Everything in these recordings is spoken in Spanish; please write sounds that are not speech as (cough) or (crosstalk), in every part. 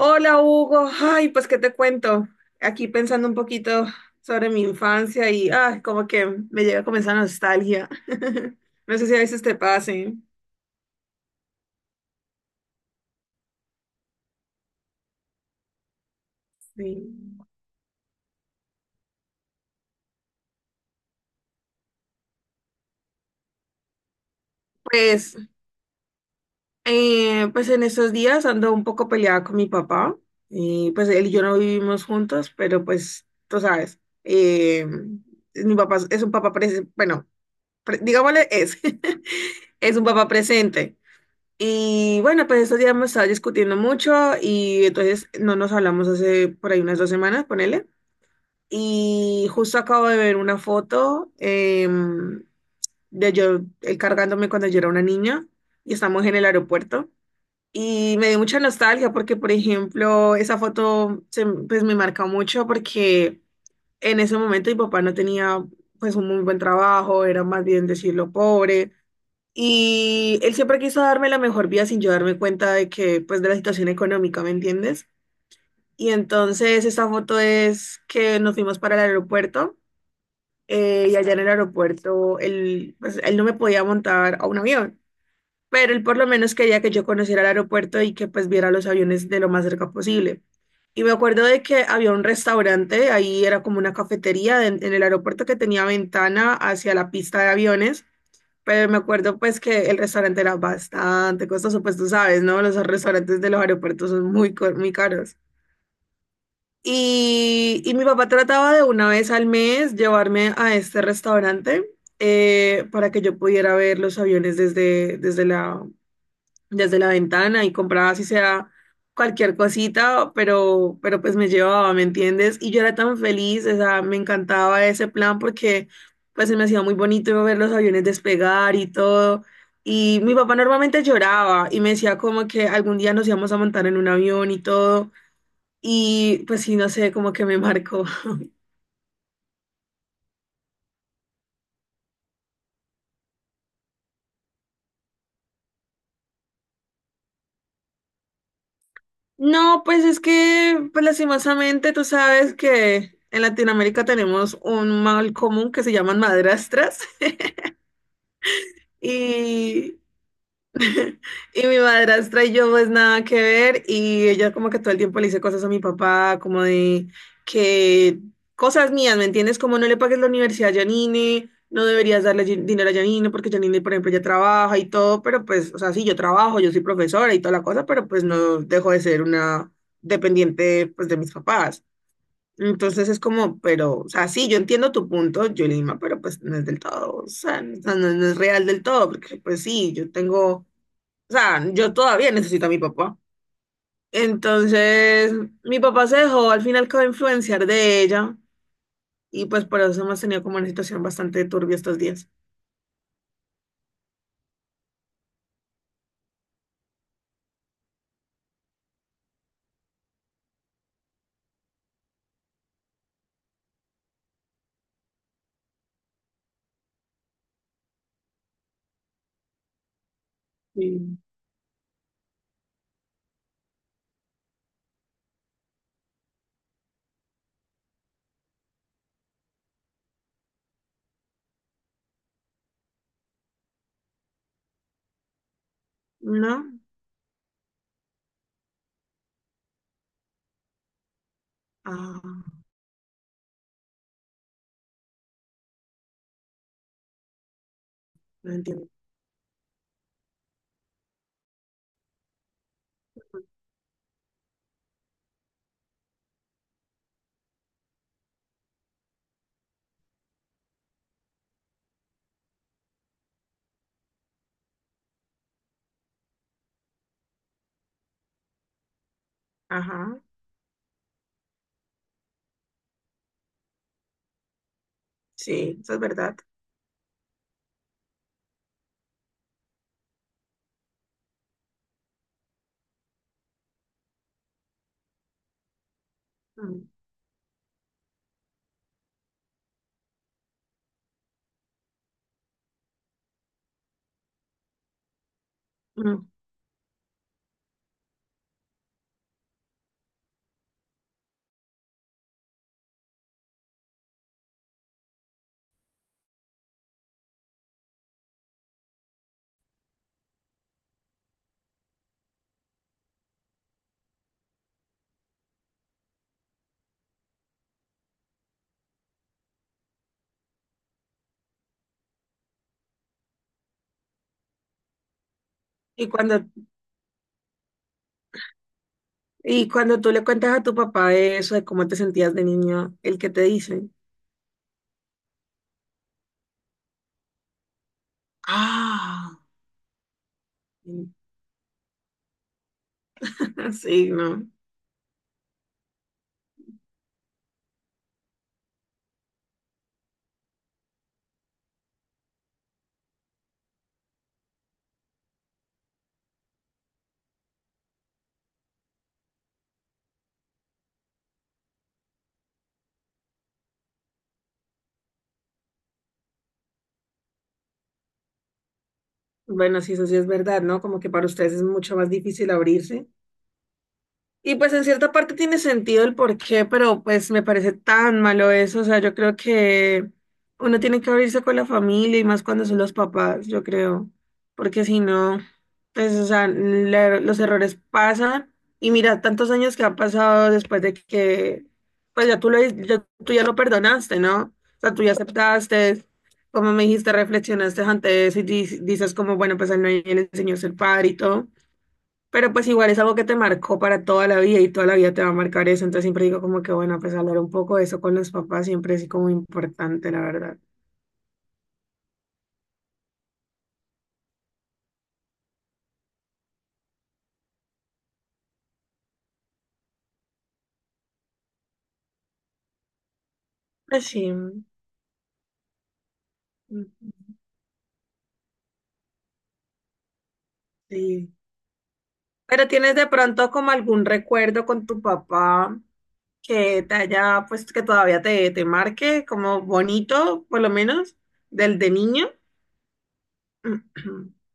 Hola Hugo, ay, pues qué te cuento. Aquí pensando un poquito sobre mi infancia y ay, como que me llega a comenzar nostalgia. (laughs) No sé si a veces te pase. Sí. Pues, pues en estos días ando un poco peleada con mi papá. Y pues él y yo no vivimos juntos, pero pues tú sabes, eh, mi papá es un papá presente, bueno, digámosle es, (laughs) es un papá presente. Y bueno, pues estos días hemos estado discutiendo mucho y entonces no nos hablamos hace por ahí unas dos semanas, ponele. Y justo acabo de ver una foto de yo él cargándome cuando yo era una niña y estamos en el aeropuerto. Y me dio mucha nostalgia porque, por ejemplo, esa foto pues me marca mucho porque en ese momento mi papá no tenía pues un muy buen trabajo, era más bien decirlo pobre. Y él siempre quiso darme la mejor vida sin yo darme cuenta de que, pues, de la situación económica, ¿me entiendes? Y entonces esta foto es que nos fuimos para el aeropuerto y allá en el aeropuerto él, pues, él no me podía montar a un avión, pero él por lo menos quería que yo conociera el aeropuerto y que pues viera los aviones de lo más cerca posible. Y me acuerdo de que había un restaurante, ahí era como una cafetería en el aeropuerto que tenía ventana hacia la pista de aviones. Pero me acuerdo pues que el restaurante era bastante costoso, pues tú sabes, ¿no? Los restaurantes de los aeropuertos son muy, muy caros. Y mi papá trataba de una vez al mes llevarme a este restaurante para que yo pudiera ver los aviones desde la ventana y compraba si sea cualquier cosita, pero pues me llevaba, ¿me entiendes? Y yo era tan feliz, o sea, me encantaba ese plan porque pues se me hacía muy bonito ver los aviones despegar y todo. Y mi papá normalmente lloraba y me decía como que algún día nos íbamos a montar en un avión y todo. Y pues sí, no sé, como que me (laughs) marcó. No, pues es que, pues lastimosamente, tú sabes que en Latinoamérica tenemos un mal común que se llaman madrastras. Y, (laughs) y mi madrastra y yo pues nada que ver y ella como que todo el tiempo le dice cosas a mi papá como de que cosas mías, ¿me entiendes? Como no le pagues la universidad a Janine, no deberías darle dinero a Janine porque Janine, por ejemplo, ya trabaja y todo, pero pues, o sea, sí, yo trabajo, yo soy profesora y toda la cosa, pero pues no dejo de ser una dependiente pues de mis papás. Entonces es como, pero, o sea, sí, yo entiendo tu punto, Yolima, pero pues no es del todo, o sea, no, no es real del todo, porque pues sí, yo tengo, o sea, yo todavía necesito a mi papá. Entonces, mi papá se dejó al final como influenciar de ella y pues por eso hemos tenido como una situación bastante turbia estos días. Sí. ¿No? Ah, no entiendo. Ajá, sí, eso es verdad. Mm, mm. ¿Y cuando, y cuando tú le cuentas a tu papá eso de cómo te sentías de niño, ¿el que te dice? Ah, (laughs) sí, no. Bueno, sí, eso sí es verdad, ¿no? Como que para ustedes es mucho más difícil abrirse. Y pues en cierta parte tiene sentido el porqué, pero pues me parece tan malo eso. O sea, yo creo que uno tiene que abrirse con la familia y más cuando son los papás, yo creo. Porque si no, pues, o sea, los errores pasan. Y mira, tantos años que han pasado después de que, pues ya tú lo, ya, tú ya lo perdonaste, ¿no? O sea, tú ya aceptaste, como me dijiste, reflexionaste ante eso y dices como, bueno, pues al no le enseñó a ser padre y todo. Pero pues igual es algo que te marcó para toda la vida y toda la vida te va a marcar eso. Entonces siempre digo como que bueno, pues hablar un poco de eso con los papás siempre es como importante, la verdad. Pues sí, mm, sí. ¿Pero tienes de pronto como algún recuerdo con tu papá que te haya, pues que todavía te, te marque como bonito, por lo menos, del de niño? (clears throat)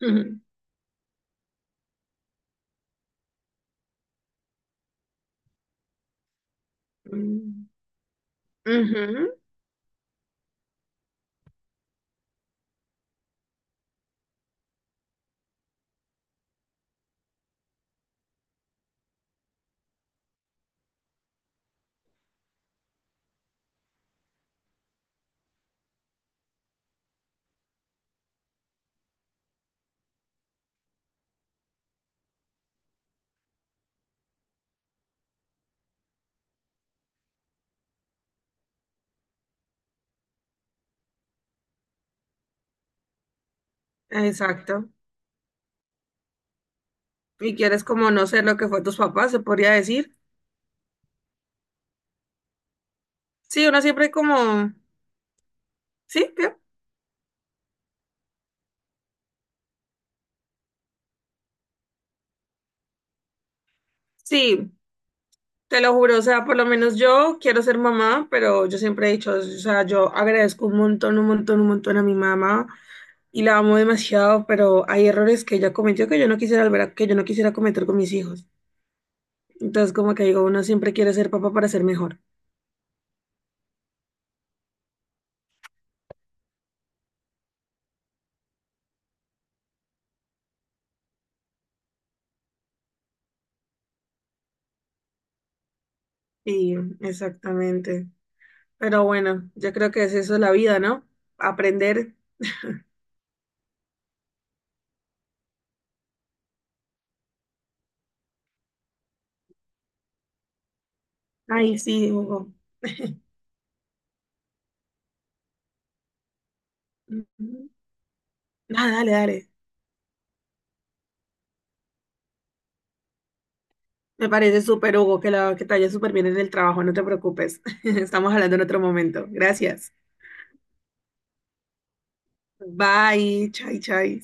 Ujú. Ujú. Exacto. Y quieres como no ser lo que fue tus papás, se podría decir. Sí, uno siempre como… Sí, ¿qué? Sí, te lo juro, o sea, por lo menos yo quiero ser mamá, pero yo siempre he dicho, o sea, yo agradezco un montón, un montón, un montón a mi mamá y la amo demasiado, pero hay errores que ella cometió que yo no quisiera que yo no quisiera cometer con mis hijos. Entonces, como que digo, uno siempre quiere ser papá para ser mejor. Sí, exactamente. Pero bueno, yo creo que es eso la vida, ¿no? Aprender. (laughs) Ay, sí, Hugo. (laughs) Nada, dale, dale. Me parece súper, Hugo, que, la, que te vaya súper bien en el trabajo, no te preocupes. (laughs) Estamos hablando en otro momento. Gracias. Bye, chai, chai.